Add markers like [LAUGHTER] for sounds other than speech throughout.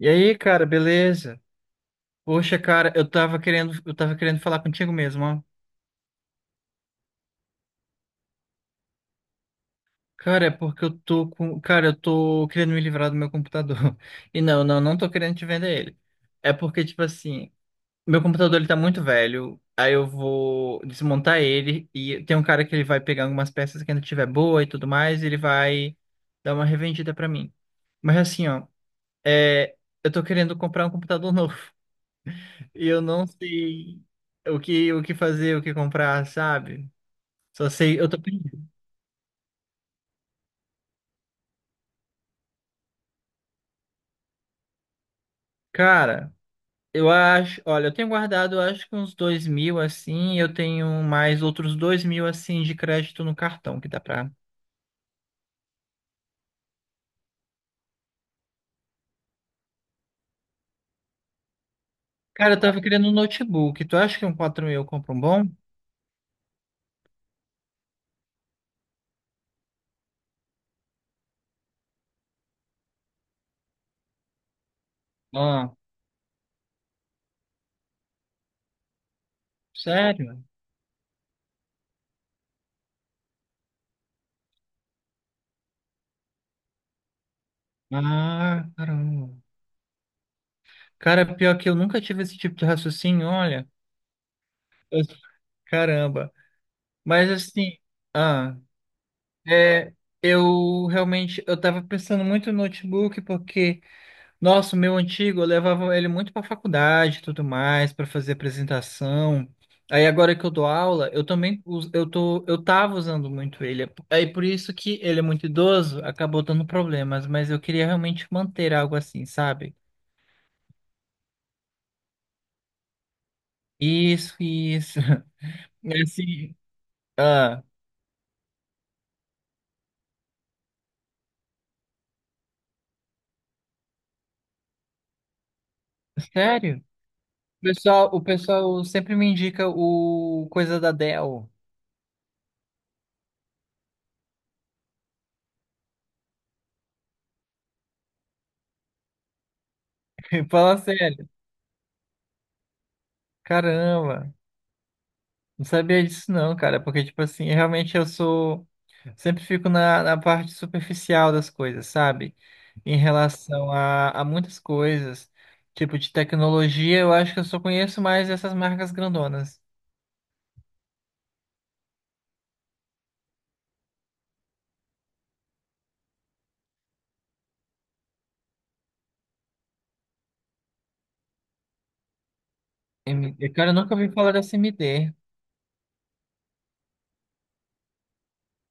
E aí, cara, beleza? Poxa, cara, eu tava querendo falar contigo mesmo, ó. Cara, é porque eu tô querendo me livrar do meu computador. [LAUGHS] E não, não, não tô querendo te vender ele. É porque, tipo assim, meu computador ele tá muito velho, aí eu vou desmontar ele e tem um cara que ele vai pegar algumas peças que ainda tiver boa e tudo mais, e ele vai dar uma revendida pra mim. Mas assim, ó, é, eu tô querendo comprar um computador [LAUGHS] novo. E eu não sei o que fazer, o que comprar, sabe? Só sei, eu tô perdido. Cara, eu acho, olha, eu tenho guardado, eu acho que uns 2.000 assim, e eu tenho mais outros 2.000 assim de crédito no cartão que dá pra. Cara, eu tava querendo um notebook. Tu acha que um 4.000 eu compro um bom? Ah, sério? Ah, caramba. Cara, pior que eu nunca tive esse tipo de raciocínio, olha. Eu- Caramba. Mas assim, ah. É, eu realmente, eu tava pensando muito no notebook porque, nossa, o meu antigo, eu levava ele muito pra faculdade e tudo mais, pra fazer apresentação. Aí agora que eu dou aula, eu também, eu tava usando muito ele. Aí por isso que ele é muito idoso, acabou dando problemas, mas eu queria realmente manter algo assim, sabe? Isso, isso. [LAUGHS] Assim, ah, sério? O pessoal sempre me indica o coisa da Dell. [LAUGHS] Fala sério. Caramba, não sabia disso não, cara, porque, tipo assim, eu realmente eu sou, sempre fico na, parte superficial das coisas, sabe? Em relação a muitas coisas, tipo de tecnologia, eu acho que eu só conheço mais essas marcas grandonas. MD. Cara, eu nunca ouvi falar dessa MD.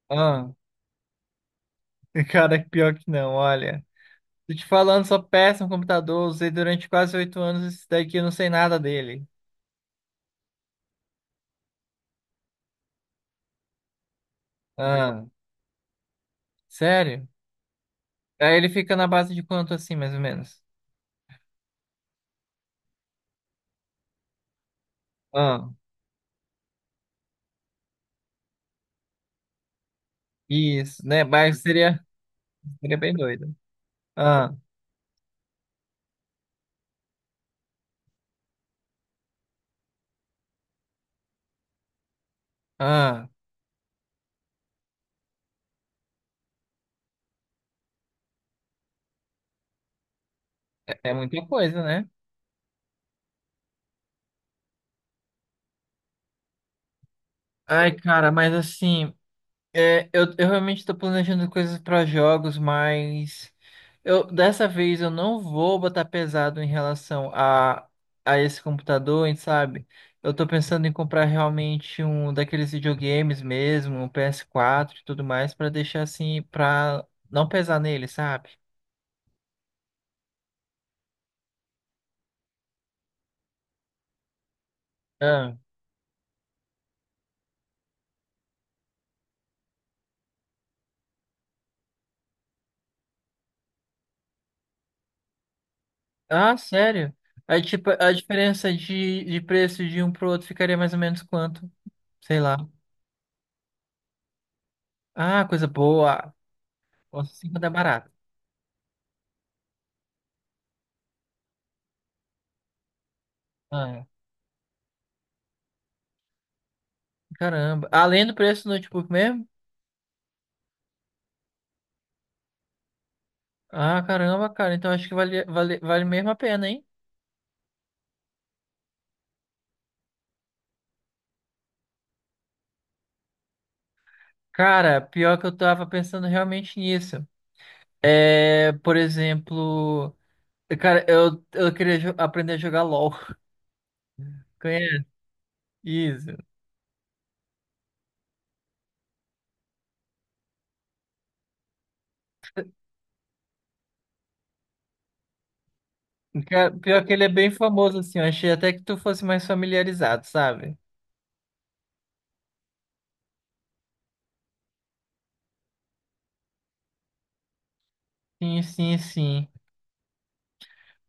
Ah, [LAUGHS] cara, pior que não, olha. Tô te falando, sou péssimo computador, usei durante quase 8 anos esse daqui, eu não sei nada dele. Ah, sério? Aí ele fica na base de quanto assim, mais ou menos? Isso, né? Mas seria bem doido. Ah, ah, é muita coisa, né? Ai, cara, mas assim, eu realmente tô planejando coisas para jogos, mas eu dessa vez eu não vou botar pesado em relação a, esse computador, hein, sabe? Eu tô pensando em comprar realmente um daqueles videogames mesmo, um PS4 e tudo mais, para deixar assim, pra não pesar nele, sabe? Ah, sério? Aí, tipo, a diferença de preço de um pro outro ficaria mais ou menos quanto? Sei lá. Ah, coisa boa. Nossa, 50 é barato. Ah, é. Caramba. Além do preço do notebook mesmo? Ah, caramba, cara. Então acho que vale, vale, vale mesmo a pena, hein? Cara, pior que eu tava pensando realmente nisso. É, por exemplo, cara, eu queria aprender a jogar LOL. [LAUGHS] Conhece? Isso. Cara, pior que ele é bem famoso, assim. Eu achei até que tu fosse mais familiarizado, sabe? Sim, sim, sim.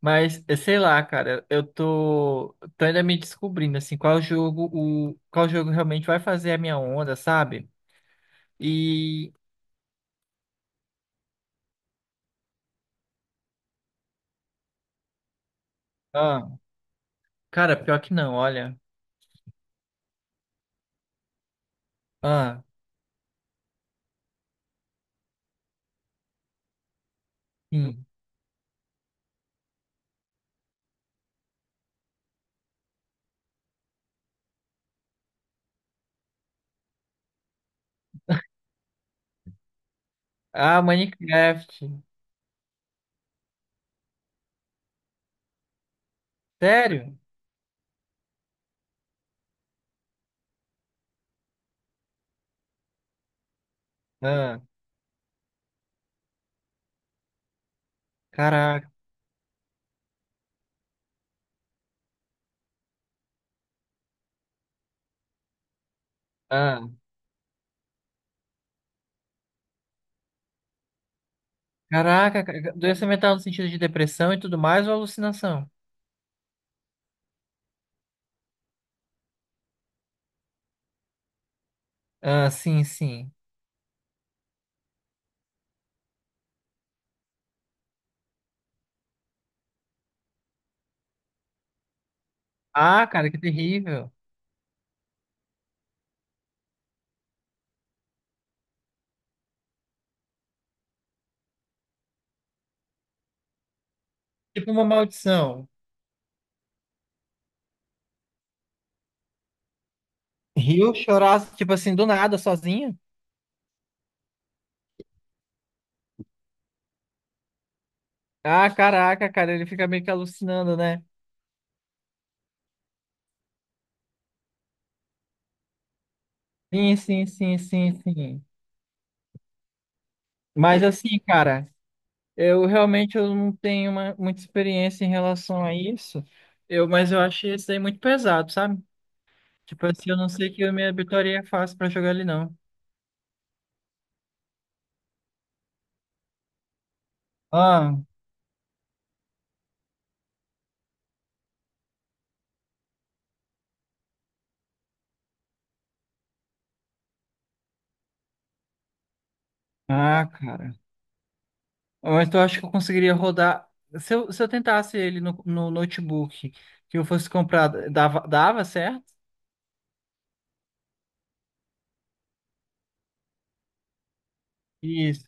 Mas, sei lá, cara, eu tô ainda me descobrindo, assim, qual jogo realmente vai fazer a minha onda, sabe? E, ah, cara, pior que não, olha. Ah, sim. Ah, Minecraft. Sério? Ah, caraca. Ah, caraca, doença mental no sentido de depressão e tudo mais ou alucinação? Ah, sim, sim. Ah, cara, que terrível. Tipo uma maldição. Rio chorar, tipo assim, do nada, sozinho? Ah, caraca, cara, ele fica meio que alucinando, né? Sim, sim, sim, sim, sim. Mas assim, cara, eu realmente eu não tenho muita experiência em relação a isso. Mas eu achei isso aí muito pesado, sabe? Tipo assim, eu não sei que eu me habituaria fácil pra jogar ele, não. Ah, ah, cara. Mas eu acho que eu conseguiria rodar. Se eu tentasse ele no notebook que eu fosse comprar, dava certo? Isso.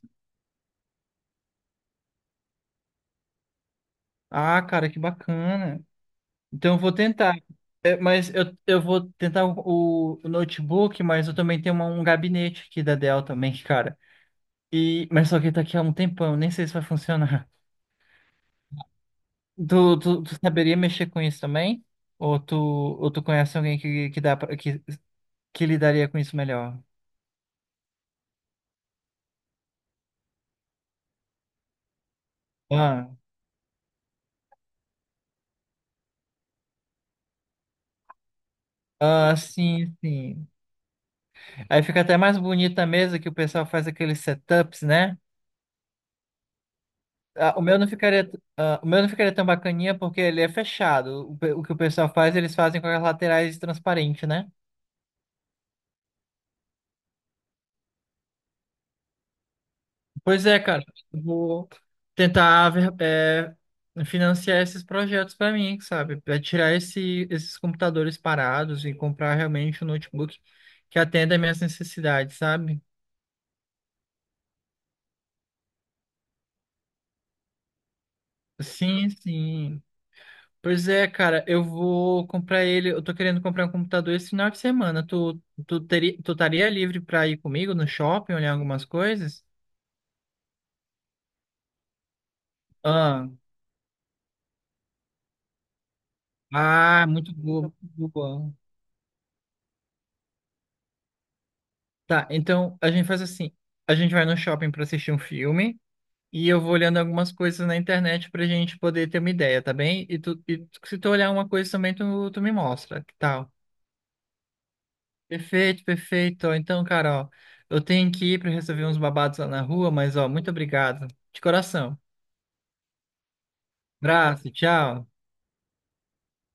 Ah, cara, que bacana. Então eu vou tentar. É, mas eu vou tentar o notebook, mas eu também tenho um gabinete aqui da Dell também, cara. E, mas só que tá aqui há um tempão, nem sei se vai funcionar. [LAUGHS] Tu saberia mexer com isso também? Ou tu conhece alguém que, dá pra, que, que lidaria com isso melhor? Ah, ah, sim, sim. Aí fica até mais bonita a mesa que o pessoal faz aqueles setups, né? Ah, o meu não ficaria, ah, o meu não ficaria tão bacaninha porque ele é fechado. O que o pessoal faz, eles fazem com as laterais transparentes, né? Pois é, cara. Eu vou tentar financiar esses projetos para mim, sabe? Para tirar esses computadores parados e comprar realmente um notebook que atenda às minhas necessidades, sabe? Sim, sim. Pois é, cara, eu vou comprar ele. Eu tô querendo comprar um computador esse final de semana. Tu estaria livre pra ir comigo no shopping olhar algumas coisas? Ah, ah, muito boa, muito boa. Tá, então a gente faz assim: a gente vai no shopping pra assistir um filme e eu vou olhando algumas coisas na internet pra gente poder ter uma ideia, tá bem? E se tu olhar uma coisa também, tu me mostra, que tal? Perfeito, perfeito. Então, cara, ó, eu tenho que ir para resolver uns babados lá na rua, mas ó, muito obrigado. De coração. Abraço, tchau.